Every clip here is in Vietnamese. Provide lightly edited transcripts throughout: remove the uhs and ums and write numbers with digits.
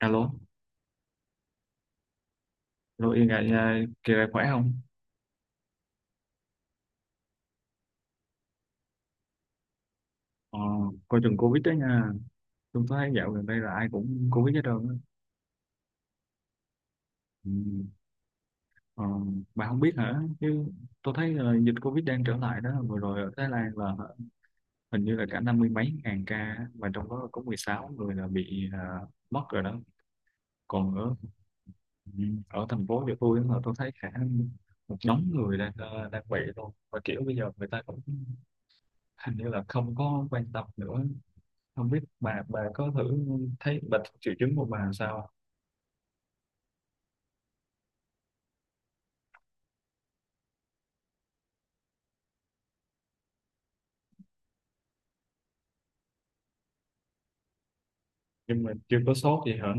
Alo, alo Yên à, kỳ này khỏe không? Ờ, coi chừng Covid đó nha. Tôi thấy dạo gần đây là ai cũng Covid hết trơn á. Ừ. Ờ, bà không biết hả? Chứ tôi thấy là dịch Covid đang trở lại đó. Vừa rồi ở Thái Lan là hình như là cả năm mươi mấy ngàn ca á, và trong đó có 16 người là bị mất rồi đó. Còn ở ừ, ở thành phố của tôi á, là tôi thấy cả một nhóm người đang đang bị luôn. Và kiểu bây giờ người ta cũng hình như là không có quan tâm nữa. Không biết bà có thử thấy bà triệu chứng của bà sao à? Nhưng mà chưa có sốt gì hả?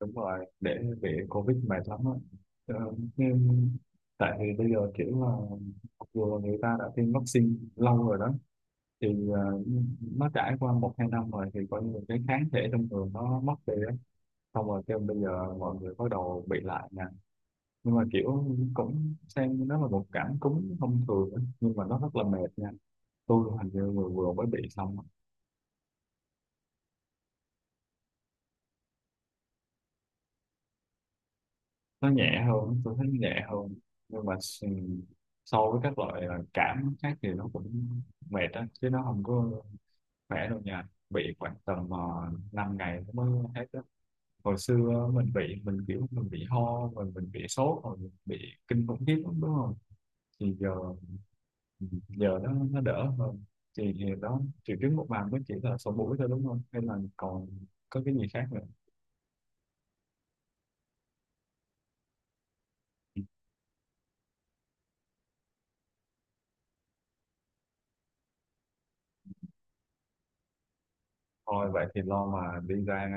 Đúng rồi, để bị covid mệt lắm á. ờ, nhưng- Tại vì bây giờ kiểu là mặc dù người ta đã tiêm vaccine lâu rồi đó thì ờ, nó trải qua một hai năm rồi thì coi như cái kháng thể trong người nó mất đi á, xong rồi kêu bây giờ mọi người bắt đầu bị lại nè. Nhưng mà kiểu cũng xem nó là một cảm cúm thông thường á, nhưng mà nó rất là mệt nha. Tôi hình như vừa vừa mới bị xong á. Nó nhẹ hơn, tôi thấy nhẹ hơn. nhưng mà s- so với các loại cảm khác thì nó cũng mệt á, chứ nó không có khỏe đâu nha. Bị khoảng tầm 5 ngày nó mới hết á. Hồi xưa mình bị, mình bị ho rồi mình bị sốt rồi mình bị kinh khủng khiếp lắm, đúng không? Thì giờ, nó đỡ hơn. Thì đó, triệu chứng một màn mới chỉ là sổ mũi thôi đúng không, hay là còn có cái gì khác nữa? Thôi vậy thì lo mà đi ra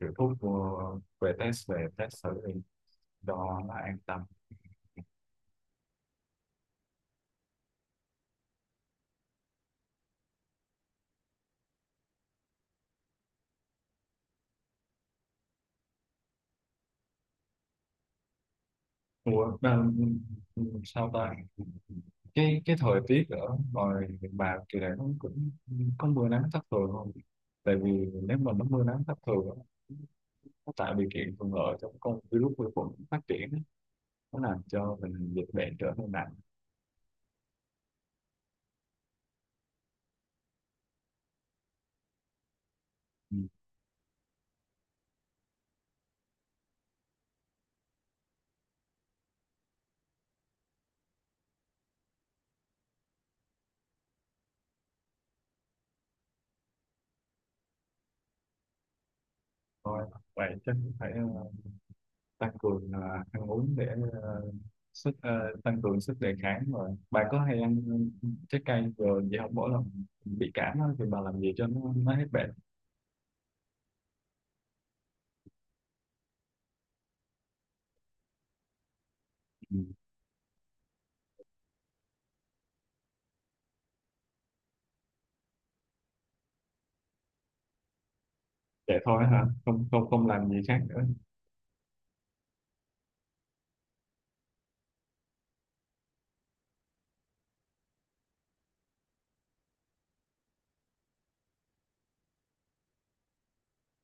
kiểu thuốc mua về test, thử đi, đó là an tâm. Ủa, mà, Sao ta, cái thời tiết ở ngoài miền Bà kỳ này nó cũng có mưa nắng thất thường không? Tại vì nếu mà nó mưa nắng thất thường á, nó tạo điều kiện thuận lợi cho con virus vi khuẩn phát triển á, nó làm cho mình dịch bệnh trở nên nặng. Ừ. Thôi vậy chắc cũng phải tăng cường ăn uống để ờ, sức ờ, tăng cường sức đề kháng. Rồi bà có hay ăn trái cây rồi vậy không? Mỗi lần bị cảm á, thì bà làm gì cho nó hết bệnh? Ừ. Vậy thôi hả? Không không không làm gì khác nữa.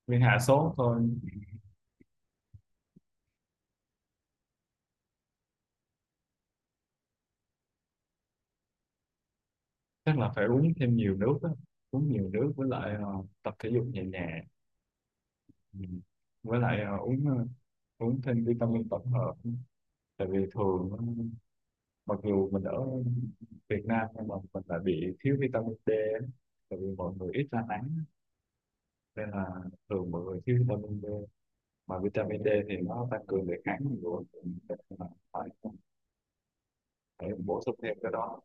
Vì hạ sốt thôi. Chắc là phải uống thêm nhiều nước á. Uống nhiều nước với lại tập thể dục nhẹ nhàng. Ừ. Với lại uống thêm vitamin tổng hợp. Tại vì thường mặc dù mình ở Việt Nam nhưng mà mình lại bị thiếu vitamin D. á. Tại vì mọi người ít ra nắng nên là thường mọi người thiếu vitamin D. Mà vitamin D thì nó tăng cường đề kháng của mình. Nên là phải, phải bổ sung thêm cái đó.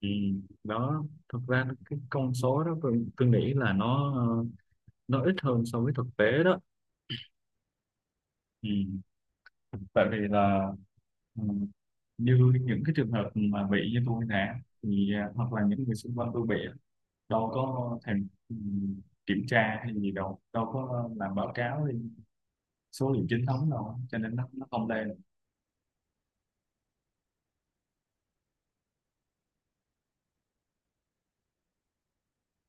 Ừ, đó. Cái con số đó, tôi nghĩ là nó nó ít hơn so với thực tế đó. Ừ. Tại vì là ừ, như những cái trường hợp mà bị như tôi nè, thì hoặc là những người xung quanh tôi bị á, đâu có thèm kiểm tra hay gì, đâu đâu có làm báo cáo lên số liệu chính thống đâu, cho nên nó không lên.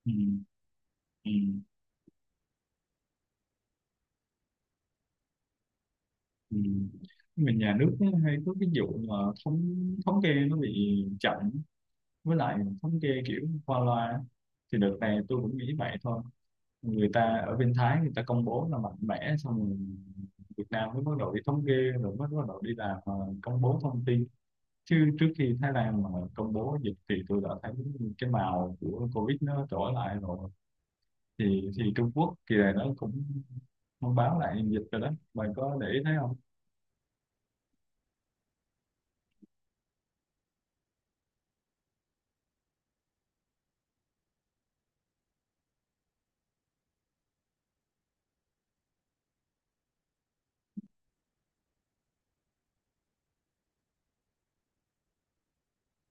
Ừ, ừ, ừ. Mà nhà nước nó hay có cái vụ mà thống thống kê nó bị chậm, với lại thống kê kiểu qua loa á. Thì đợt này tôi cũng nghĩ vậy thôi, người ta ở bên Thái người ta công bố là mạnh mẽ xong rồi Việt Nam mới bắt đầu đi thống kê, rồi mới bắt đầu đi làm công bố thông tin. Chứ trước khi Thái Lan mà công bố dịch thì tôi đã thấy cái màu của Covid nó trở lại rồi. Thì Trung Quốc kỳ này nó cũng thông báo lại dịch rồi đó, bạn có để ý thấy không?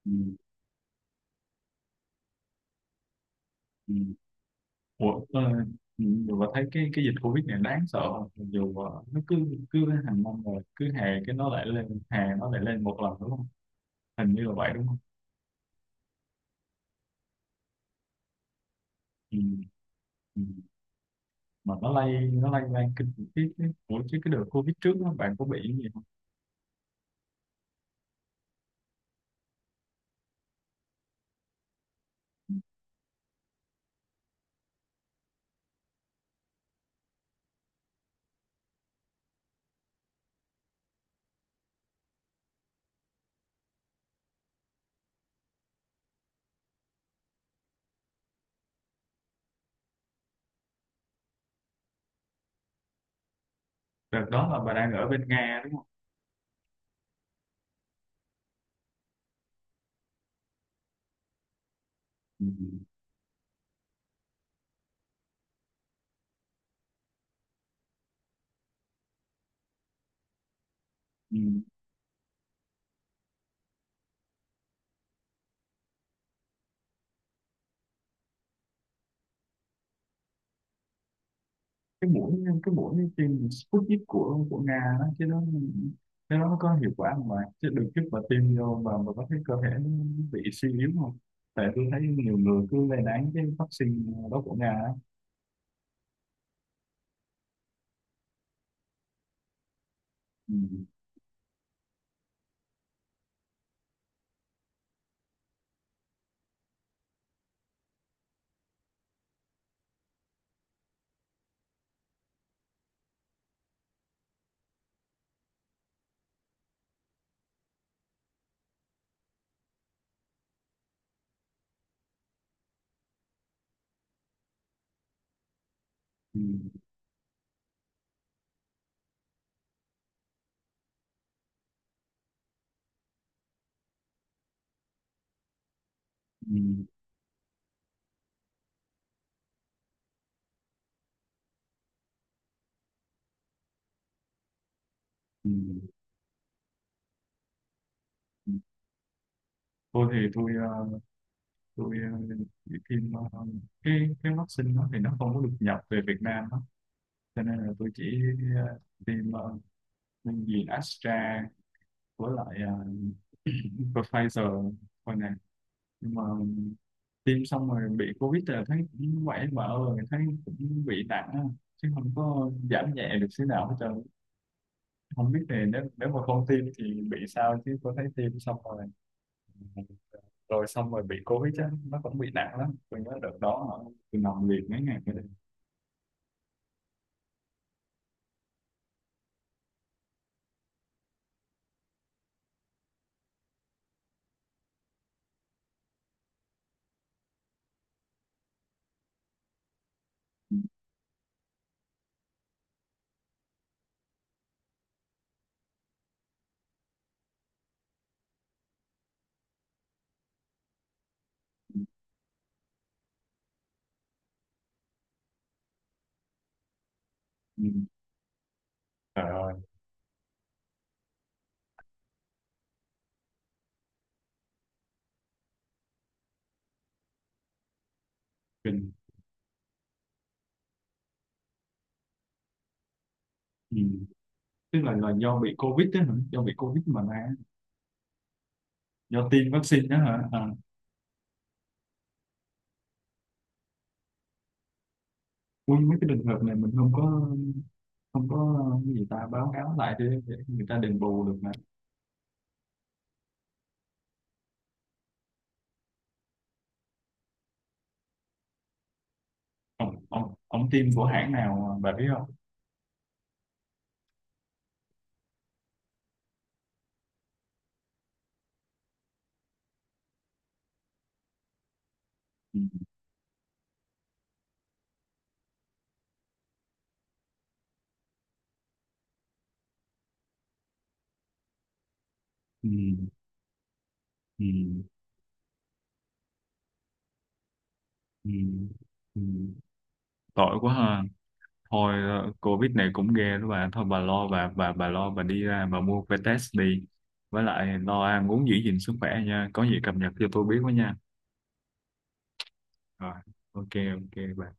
Ừ. Ừ. Ủa, ờ, Nhiều bà thấy cái dịch Covid này đáng sợ không? Dù nó cứ cứ hàng năm rồi cứ hè cái nó lại lên, hè nó lại lên một lần đúng không? Hình như là vậy đúng không? Ừ, ừ. Mà nó lây lan kinh khủng khiếp đấy. Ủa chứ cái đợt Covid trước đó, bạn có bị cái gì không? Đợt đó là bà đang ở bên Nga đúng không? Ừ, ừ. cái mũi cái mũi tiêm Sputnik của Nga đó, chứ nó, nếu nó có hiệu quả không bạn, chứ đừng chút mà tiêm vô mà có thấy cơ thể nó bị suy yếu không? Tại tôi thấy nhiều người cứ lên án cái vaccine đó của Nga á. Ừ, ừ, ừ, ừ. Ừ. Tôi thì tôi ờ, bị tiêm cái vaccine đó thì nó không có được nhập về Việt Nam đó. Cho nên là tôi chỉ ờ, tiêm gì Astra với lại Pfizer thôi nè. Nhưng mà tiêm xong rồi bị covid là thấy cũng quậy vợ rồi, thấy cũng bị nặng á, chứ không có giảm nhẹ được xíu nào hết trơn. Không biết thì nếu nếu mà không tiêm thì bị sao, chứ có thấy tiêm xong rồi, xong rồi bị covid á, nó cũng bị nặng lắm. Tôi nhớ đợt đó hả, tôi nằm liệt mấy ngày mới được. Ừ. Ừ. Trời ơi. Kinh. Ừ. Tức là do bị covid đó hả, do bị covid mà ra? Do tiêm vaccine đó hả? À. Ui, mấy cái trường hợp này mình không có, không có cái gì ta báo cáo lại đi để người ta đền bù được. Ông team của hãng nào bà biết không? Ừ, ừ, ừ, ừ, ừ. Tội quá ha. Thôi Covid này cũng ghê đó bà. Thôi bà lo, bà lo bà đi ra bà mua que test đi, với lại lo ăn uống giữ gìn sức khỏe nha, có gì cập nhật cho tôi biết với nha. Rồi. Ok. Ok bà.